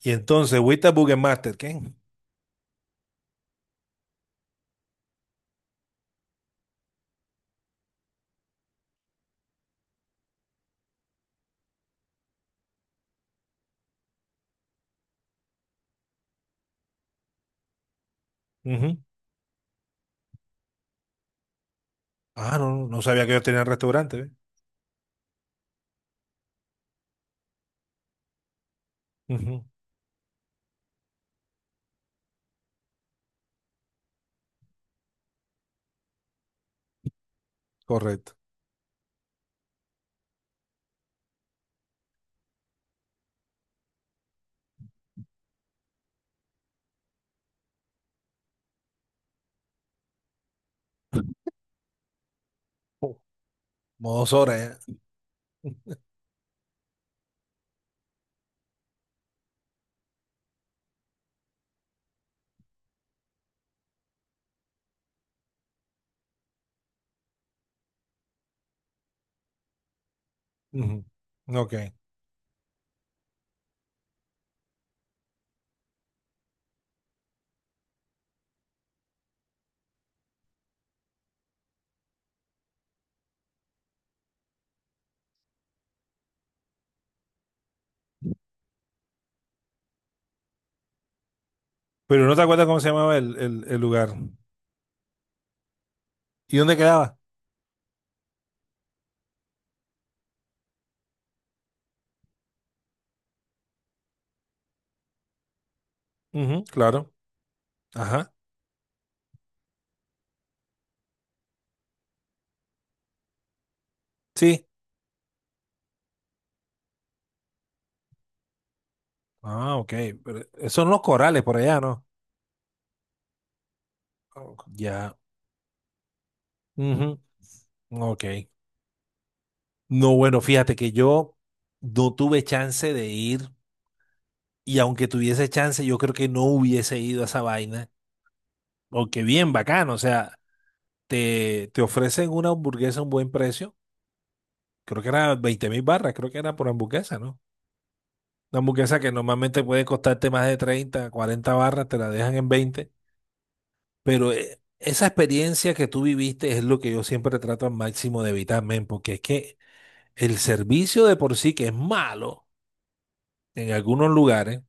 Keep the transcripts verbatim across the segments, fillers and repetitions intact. Y entonces, Wita Bugenmaster, ¿qué? Ujú. Ah, no, no, no sabía que yo tenía restaurante, ¿ve? Ujú. Correcto. Oh. Modo Sora, ¿eh? Ujú. Ok. Pero no te acuerdas cómo se llamaba el, el- el lugar. ¿Y dónde quedaba? Ujú. Claro. Ajá. Sí. Ah, ok. Pero esos son los corales por allá, ¿no? Oh. Ya. Ujú. Ok. No, bueno, fíjate que yo no tuve chance de ir. Y aunque tuviese chance, yo creo que no hubiese ido a esa vaina. Aunque bien bacano, o sea, te, te ofrecen una hamburguesa a un buen precio. Creo que era veinte mil barras, creo que era por hamburguesa, ¿no? Una hamburguesa que normalmente puede costarte más de treinta, cuarenta barras, te la dejan en veinte. Pero eh, esa experiencia que tú viviste es lo que yo siempre trato al máximo de evitar, men, porque es que el servicio de por sí que es malo en algunos lugares,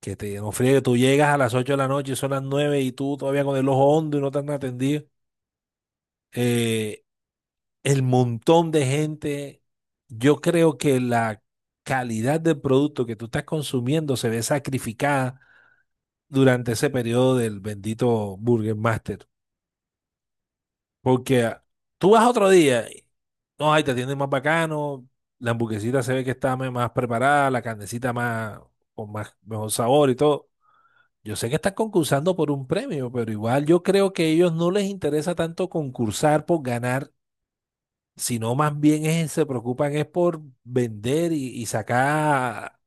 que te ofrece que tú llegas a las ocho de la noche y son las nueve y tú todavía con el ojo hondo y no te han atendido. Eh, el montón de gente, yo creo que la calidad del producto que tú estás consumiendo se ve sacrificada durante ese periodo del bendito Burger Master. Porque tú vas otro día, y no, ahí te atienden más bacano, la hamburguesita se ve que está me- más preparada, la carnecita más, con más, mejor sabor y todo. Yo sé que estás concursando por un premio, pero igual yo creo que a ellos no les interesa tanto concursar por ganar, sino más bien es- se preocupan es por vender y, y sacar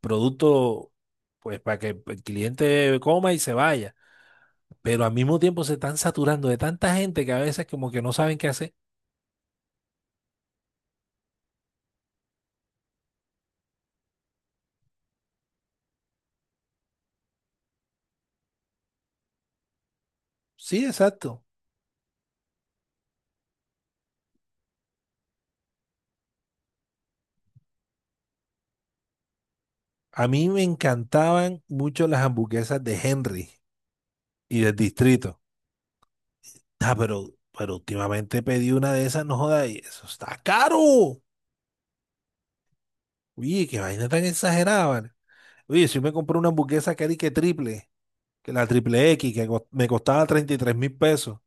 producto, pues para que el cliente coma y se vaya. Pero al mismo tiempo se están saturando de tanta gente que a veces como que no saben qué hacer. Sí, exacto. A mí me encantaban mucho las hamburguesas de Henry y del Distrito. Ah, pero, pero últimamente pedí una de esas, no joda, y eso está caro. Oye, qué vaina tan exagerada, ¿vale? Oye, si me compré una hamburguesa que era y que triple. Que la triple X, que cos- me costaba treinta y tres mil pesos.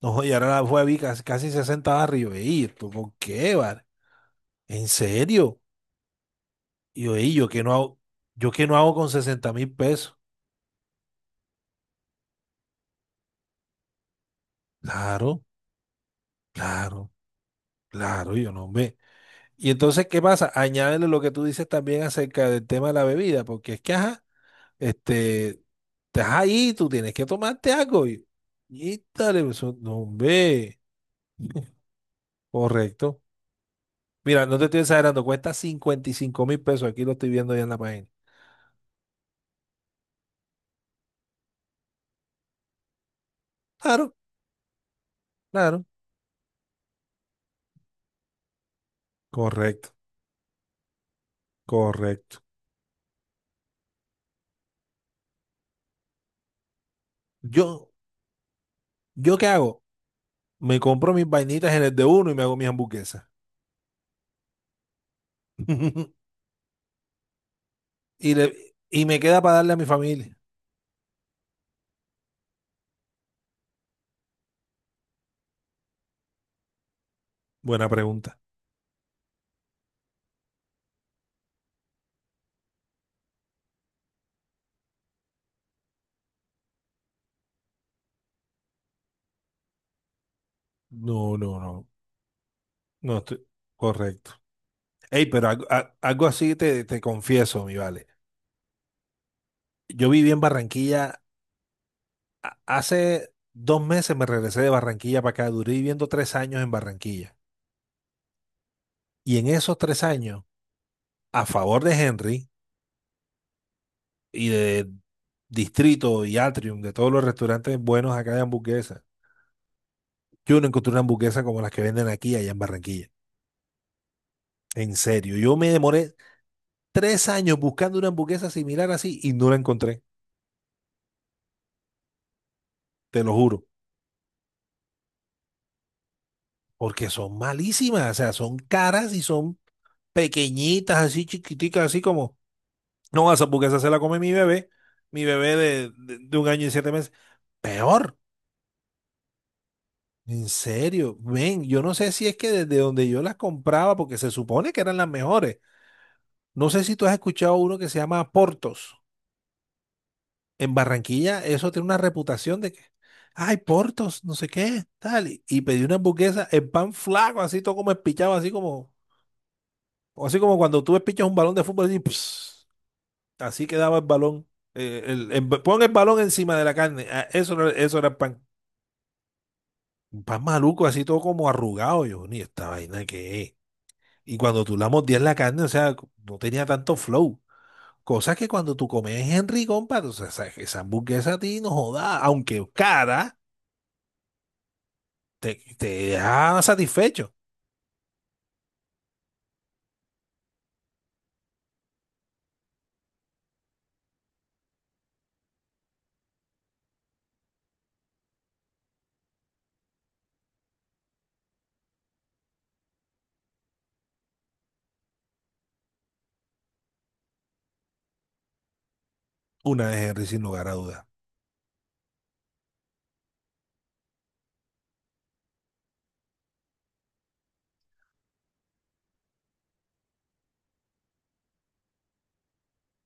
No, y ahora la fue a vi casi, casi sesenta barras. Y yo, ey, ¿esto por qué, vale? ¿En serio? Y yo, ey, ¿yo qué no hago, yo qué no hago con sesenta mil pesos? Claro, claro, claro, y yo no ve. Y entonces, ¿qué pasa? Añádele lo que tú dices también acerca del tema de la bebida, porque es que, ajá, este, estás ahí, tú tienes que tomarte algo. Y, y dale, eso, no ve. Correcto. Mira, no te estoy exagerando, cuesta cincuenta y cinco mil pesos. Aquí lo estoy viendo ya en la página. Claro, claro. Correcto, correcto. Yo, ¿yo qué hago? Me compro mis vainitas en el de uno y me hago mis hamburguesas. Y, le, y me queda para darle a mi familia. Buena pregunta. No, no, no. No estoy. Correcto. Ey, pero algo, a- algo así te, te confieso, mi vale. Yo viví en Barranquilla. a- Hace dos meses me regresé de Barranquilla para acá. Duré viviendo tres años en Barranquilla. Y en esos tres años, a favor de Henry y de Distrito y Atrium, de todos los restaurantes buenos acá de hamburguesas. Yo no encontré una hamburguesa como las que venden aquí allá en Barranquilla. En serio, yo me demoré tres años buscando una hamburguesa similar así y no la encontré, te lo juro, porque son malísimas, o sea, son caras y son pequeñitas, así chiquiticas, así como, no, esa hamburguesa se la come mi bebé, mi bebé de, de, de un año y siete meses. Peor. En serio, ven, yo no sé si es que desde donde yo las compraba, porque se supone que eran las mejores. No sé si tú has escuchado uno que se llama Portos. En Barranquilla, eso tiene una reputación de que, ay, Portos, no sé qué, tal. Y, y pedí una hamburguesa, el pan flaco, así todo como espichado, así como, o así como cuando tú espichas un balón de fútbol, así, ps, así quedaba el balón. Eh, el, el- pon el balón encima de la carne. ah, Eso, era- eso era el pan. Un pan maluco, así todo como arrugado. Yo, ni esta vaina que es. Y cuando tú la mordías la carne, o sea, no tenía tanto flow. Cosa que cuando tú comes Henry, compadre, o sea, esa, esa hamburguesa a ti no joda, aunque cara, te, te deja satisfecho. Una de Henry, sin lugar a dudas.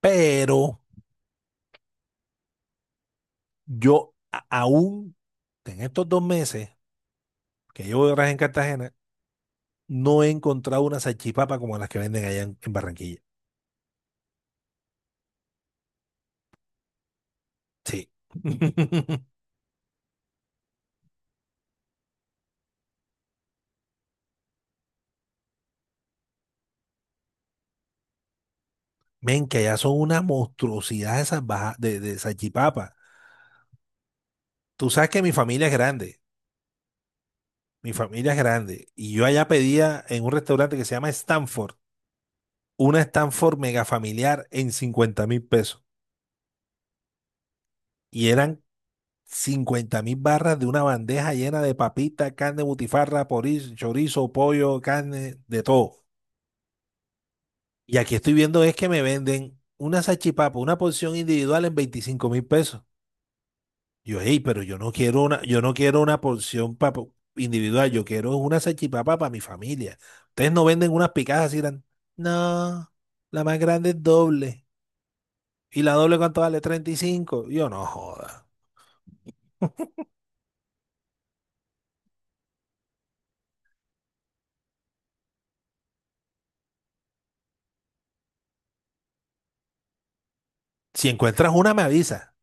Pero yo a- aún, en estos dos meses que llevo de viaje en Cartagena, no he encontrado una salchipapa como las que venden allá en, en, Barranquilla. Sí. Men, que allá son una monstruosidad esas bajas de, de salchipapa. Tú sabes que mi familia es grande. Mi familia es grande y yo allá pedía en un restaurante que se llama Stanford, una Stanford mega familiar en cincuenta mil pesos. Y eran cincuenta mil barras de una bandeja llena de papita, carne, butifarra, poris- chorizo, pollo, carne, de todo. Y aquí estoy viendo es que me venden una salchipapa, una porción individual en veinticinco mil pesos. Yo, hey, pero yo no quiero una, yo no quiero una porción pa- po- individual, yo quiero una salchipapa para mi familia. Ustedes no venden unas picadas así tan. No, la más grande es doble. ¿Y la doble cuánto vale? Treinta y cinco. Yo no joda. Si encuentras una, me avisa.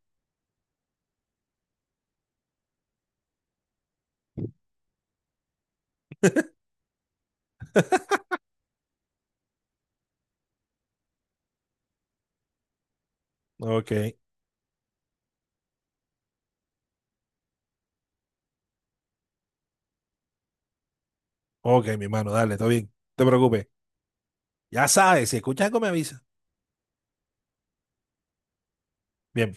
Ok, ok, mi hermano, dale, todo bien. No te preocupes. Ya sabes, si escuchas algo, me avisa. Bien.